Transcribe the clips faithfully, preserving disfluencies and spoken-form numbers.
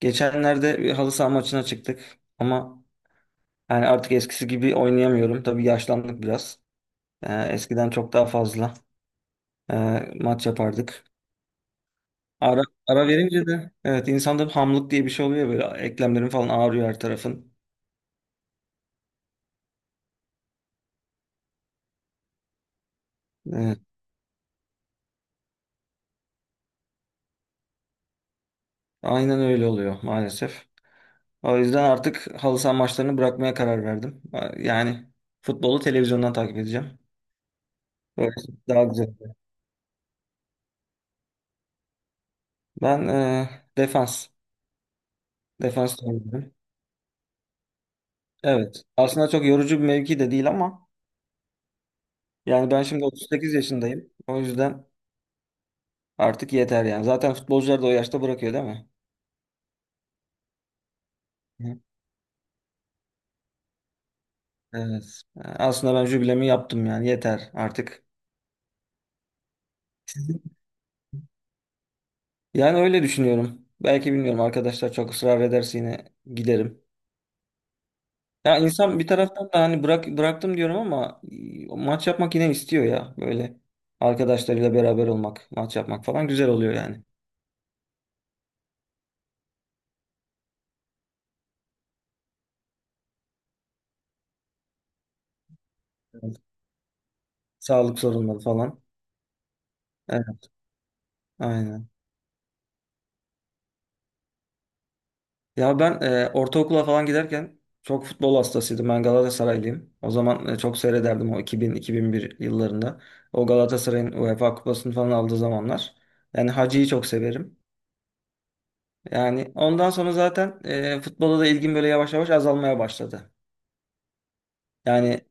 Geçenlerde bir halı saha maçına çıktık ama yani artık eskisi gibi oynayamıyorum. Tabii yaşlandık biraz. Ee, eskiden çok daha fazla e, maç yapardık. Ara, ara verince de evet insanda bir hamlık diye bir şey oluyor böyle eklemlerin falan ağrıyor her tarafın. Evet, aynen öyle oluyor maalesef. O yüzden artık halı saha maçlarını bırakmaya karar verdim. Ee, Yani futbolu televizyondan takip edeceğim. Böyle daha güzel. Ben e, defans, defans oynuyorum. Evet. Aslında çok yorucu bir mevki de değil ama yani ben şimdi otuz sekiz yaşındayım. O yüzden artık yeter yani. Zaten futbolcular da o yaşta bırakıyor değil mi? Hı. Evet. Aslında ben jübilemi yaptım yani. Yeter artık. Yani öyle düşünüyorum. Belki bilmiyorum arkadaşlar çok ısrar ederse yine giderim. Ya insan bir taraftan da hani bırak bıraktım diyorum ama e, maç yapmak yine istiyor ya. Böyle arkadaşlarıyla beraber olmak, maç yapmak falan güzel oluyor yani. Evet. Sağlık sorunları falan. Evet, aynen. Ya ben e, ortaokula falan giderken çok futbol hastasıydım. Ben Galatasaraylıyım. O zaman e, çok seyrederdim o iki bin-iki bin bir yıllarında. O Galatasaray'ın UEFA Kupası'nı falan aldığı zamanlar. Yani Hacı'yı çok severim. Yani ondan sonra zaten e, futbola da ilgim böyle yavaş yavaş azalmaya başladı. Yani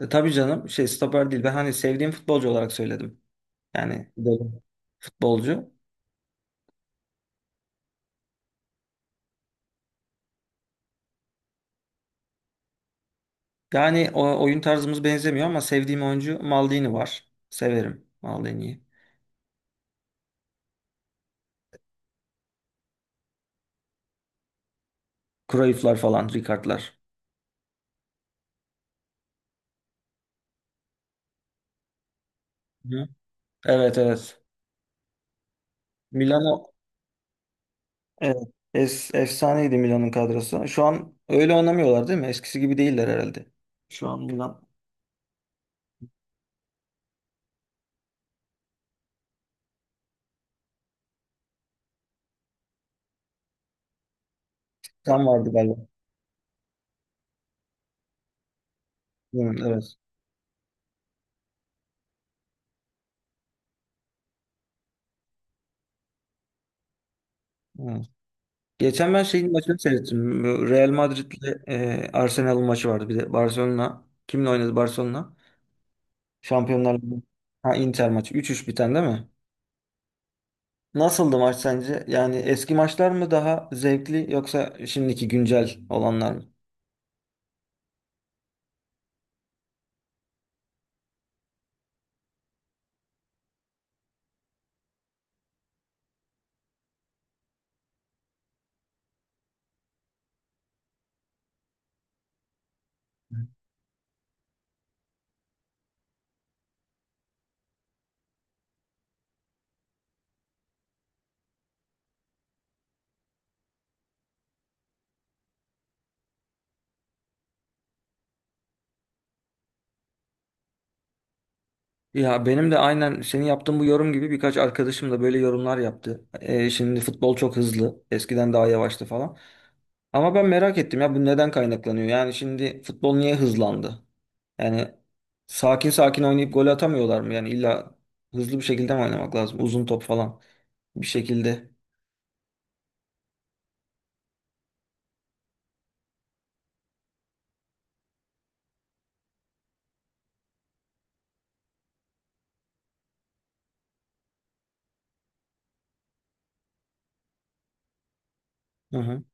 e, tabii canım şey stoper değil. Ben hani sevdiğim futbolcu olarak söyledim. Yani dedim, futbolcu. Yani o, oyun tarzımız benzemiyor ama sevdiğim oyuncu Maldini var. Severim Maldini'yi. Cruyff'lar falan, Rijkaard'lar. Hı. Evet, evet. Milano, evet. Es, efsaneydi Milan'ın kadrosu. Şu an öyle oynamıyorlar değil mi? Eskisi gibi değiller herhalde. Şu an Milan. Tam vardı galiba. Hı, evet. Hı. Geçen ben şeyin maçını seyrettim. Bu Real Madrid'le e, Arsenal'ın maçı vardı. Bir de Barcelona. Kimle oynadı Barcelona? Şampiyonlar Ligi. Ha, Inter maçı. üç üç biten değil mi? Nasıldı maç sence? Yani eski maçlar mı daha zevkli yoksa şimdiki güncel olanlar mı? Ya benim de aynen senin yaptığın bu yorum gibi birkaç arkadaşım da böyle yorumlar yaptı. Ee, şimdi futbol çok hızlı. Eskiden daha yavaştı falan. Ama ben merak ettim ya bu neden kaynaklanıyor? Yani şimdi futbol niye hızlandı? Yani sakin sakin oynayıp gol atamıyorlar mı? Yani illa hızlı bir şekilde mi oynamak lazım? Uzun top falan bir şekilde. Hı hı.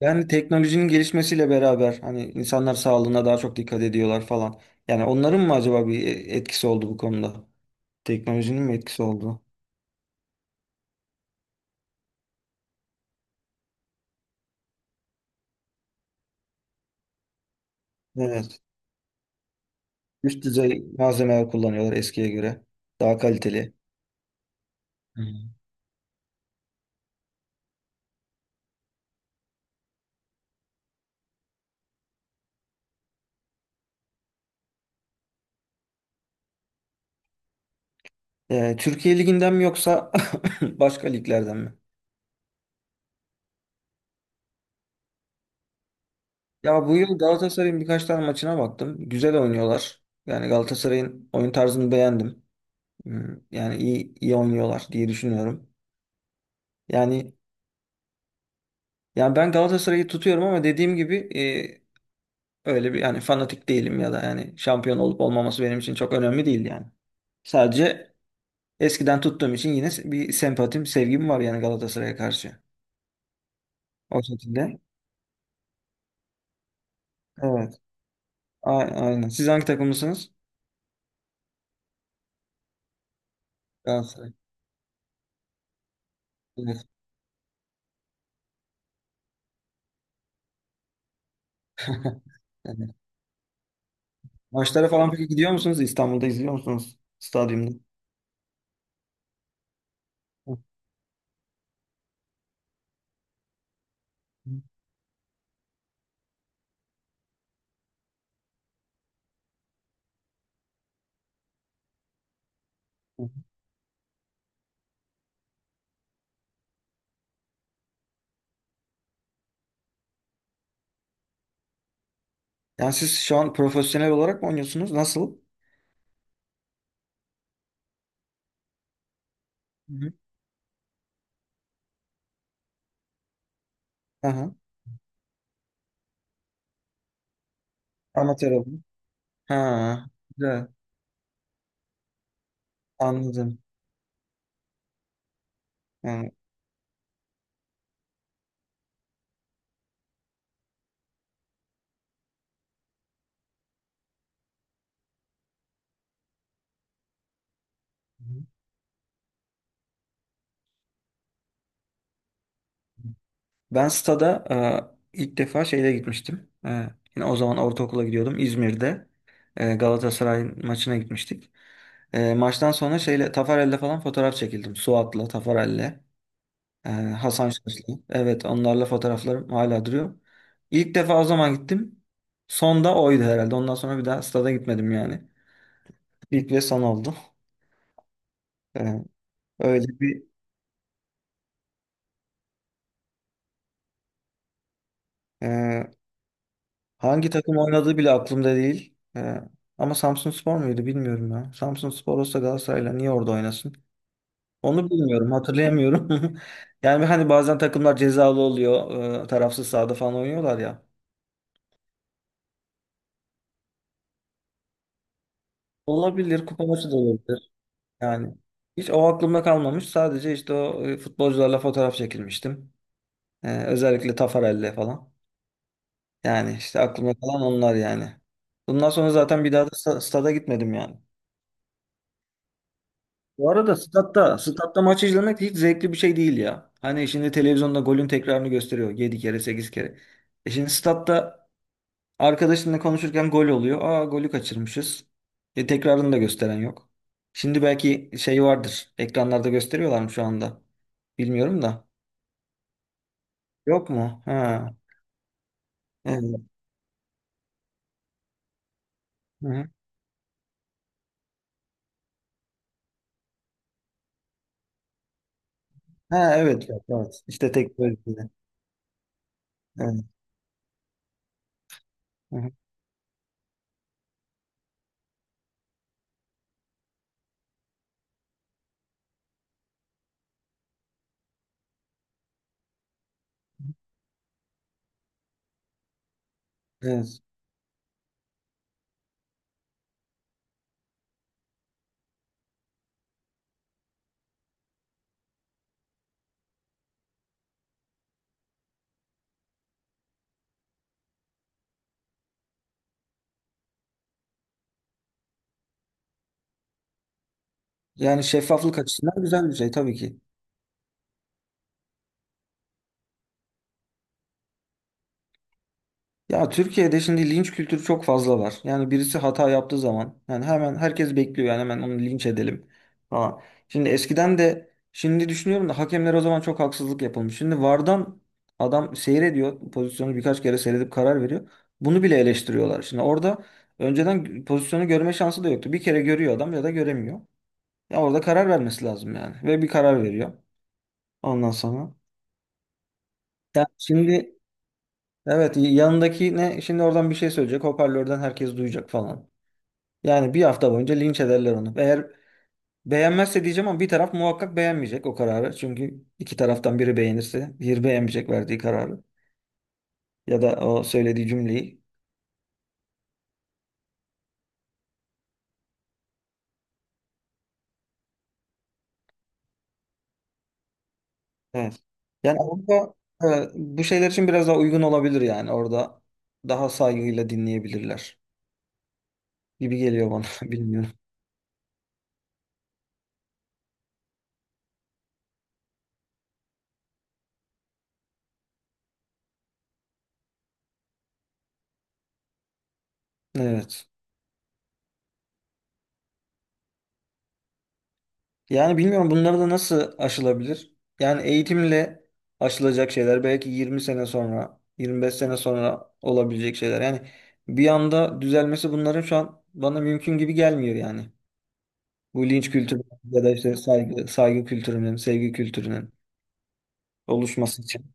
Yani teknolojinin gelişmesiyle beraber hani insanlar sağlığına daha çok dikkat ediyorlar falan. Yani onların mı acaba bir e, etkisi oldu bu konuda? Teknolojinin mi etkisi oldu? Evet. Üst düzey malzemeler kullanıyorlar eskiye göre. Daha kaliteli. Hı. Ee, Türkiye Ligi'nden mi yoksa başka liglerden mi? Ya bu yıl Galatasaray'ın birkaç tane maçına baktım. Güzel oynuyorlar. Yani Galatasaray'ın oyun tarzını beğendim. Hmm, Yani iyi iyi oynuyorlar diye düşünüyorum. Yani yani ben Galatasaray'ı tutuyorum ama dediğim gibi e, öyle bir yani fanatik değilim ya da yani şampiyon olup olmaması benim için çok önemli değil yani. Sadece eskiden tuttuğum için yine bir sempatim, sevgim var yani Galatasaray'a karşı. O şekilde. Evet. A- aynen. Siz hangi takımlısınız? Galatasaray. Evet. Evet. Maçlara falan peki gidiyor musunuz? İstanbul'da izliyor musunuz stadyumda? Hı hı, hı. Yani siz şu an profesyonel olarak mı oynuyorsunuz? Nasıl? Hı hı. Aha. Amatör olarak. Ha. Güzel. Anladım. Ha. Hı hı. Ben stada e, ilk defa şeyle gitmiştim. E, yine o zaman ortaokula gidiyordum. İzmir'de e, Galatasaray maçına gitmiştik. E, maçtan sonra şeyle Tafarel'le falan fotoğraf çekildim. Suat'la, Tafarel'le. Ee, Hasan Şaşlı. Evet, onlarla fotoğraflarım hala duruyor. İlk defa o zaman gittim. Son da oydu herhalde. Ondan sonra bir daha stada gitmedim yani. İlk ve son oldu. Ee, öyle bir e, hangi takım oynadığı bile aklımda değil. Ee, ama Samsunspor muydu bilmiyorum ya. Samsunspor olsa Galatasaray'la niye orada oynasın? Onu bilmiyorum, hatırlayamıyorum. Yani hani bazen takımlar cezalı oluyor, e, tarafsız sahada falan oynuyorlar ya. Olabilir, kupa maçı da olabilir. Yani hiç o aklımda kalmamış. Sadece işte o e, futbolcularla fotoğraf çekilmiştim. Ee, özellikle Tafarel'le falan. Yani işte aklımda kalan onlar yani. Bundan sonra zaten bir daha da sta- stada gitmedim yani. Bu arada statta, statta maçı izlemek hiç zevkli bir şey değil ya. Hani şimdi televizyonda golün tekrarını gösteriyor yedi kere sekiz kere. E şimdi statta arkadaşınla konuşurken gol oluyor. Aa, golü kaçırmışız. E, tekrarını da gösteren yok. Şimdi belki şey vardır. Ekranlarda gösteriyorlar mı şu anda? Bilmiyorum da. Yok mu? Ha. Evet. Hı-hı. Ha, evet. Yok, evet. İşte tek böyle bir şey. Evet. Hı-hı. Evet. Yani şeffaflık açısından güzel bir şey tabii ki. Ya Türkiye'de şimdi linç kültürü çok fazla var. Yani birisi hata yaptığı zaman yani hemen herkes bekliyor yani hemen onu linç edelim falan. Şimdi eskiden de şimdi düşünüyorum da hakemler o zaman çok haksızlık yapılmış. Şimdi V A R'dan adam seyrediyor pozisyonu birkaç kere seyredip karar veriyor. Bunu bile eleştiriyorlar. Şimdi orada önceden pozisyonu görme şansı da yoktu. Bir kere görüyor adam ya da göremiyor. Ya orada karar vermesi lazım yani ve bir karar veriyor ondan sonra. Ya şimdi, evet, yanındaki ne şimdi oradan bir şey söyleyecek, hoparlörden herkes duyacak falan. Yani bir hafta boyunca linç ederler onu. Eğer beğenmezse diyeceğim ama bir taraf muhakkak beğenmeyecek o kararı. Çünkü iki taraftan biri beğenirse diğeri beğenmeyecek verdiği kararı ya da o söylediği cümleyi. Evet. Yani Avrupa e, bu şeyler için biraz daha uygun olabilir yani orada daha saygıyla dinleyebilirler gibi geliyor bana bilmiyorum. Evet. Yani bilmiyorum bunları da nasıl aşılabilir? Yani eğitimle aşılacak şeyler belki yirmi sene sonra, yirmi beş sene sonra olabilecek şeyler. Yani bir anda düzelmesi bunların şu an bana mümkün gibi gelmiyor yani. Bu linç kültürü ya da işte saygı, saygı kültürünün, sevgi kültürünün oluşması için.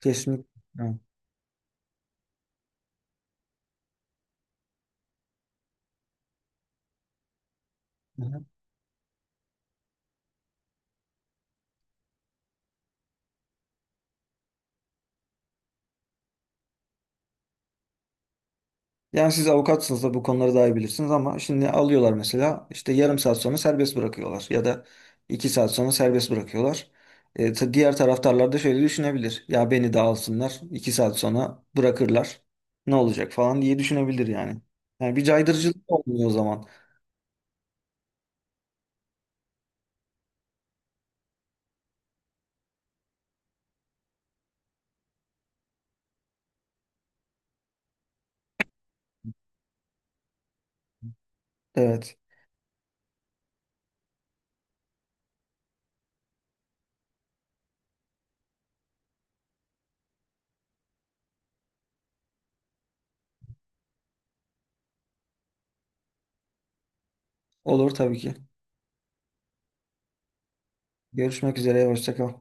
Kesinlikle. Evet. Yani siz avukatsınız da bu konuları daha iyi bilirsiniz ama şimdi alıyorlar mesela işte yarım saat sonra serbest bırakıyorlar ya da iki saat sonra serbest bırakıyorlar. E, ta- diğer taraftarlar da şöyle düşünebilir. Ya beni de alsınlar iki saat sonra bırakırlar ne olacak falan diye düşünebilir yani. Yani bir caydırıcılık olmuyor o zaman. Evet, olur tabii ki. Görüşmek üzere, hoşça kal.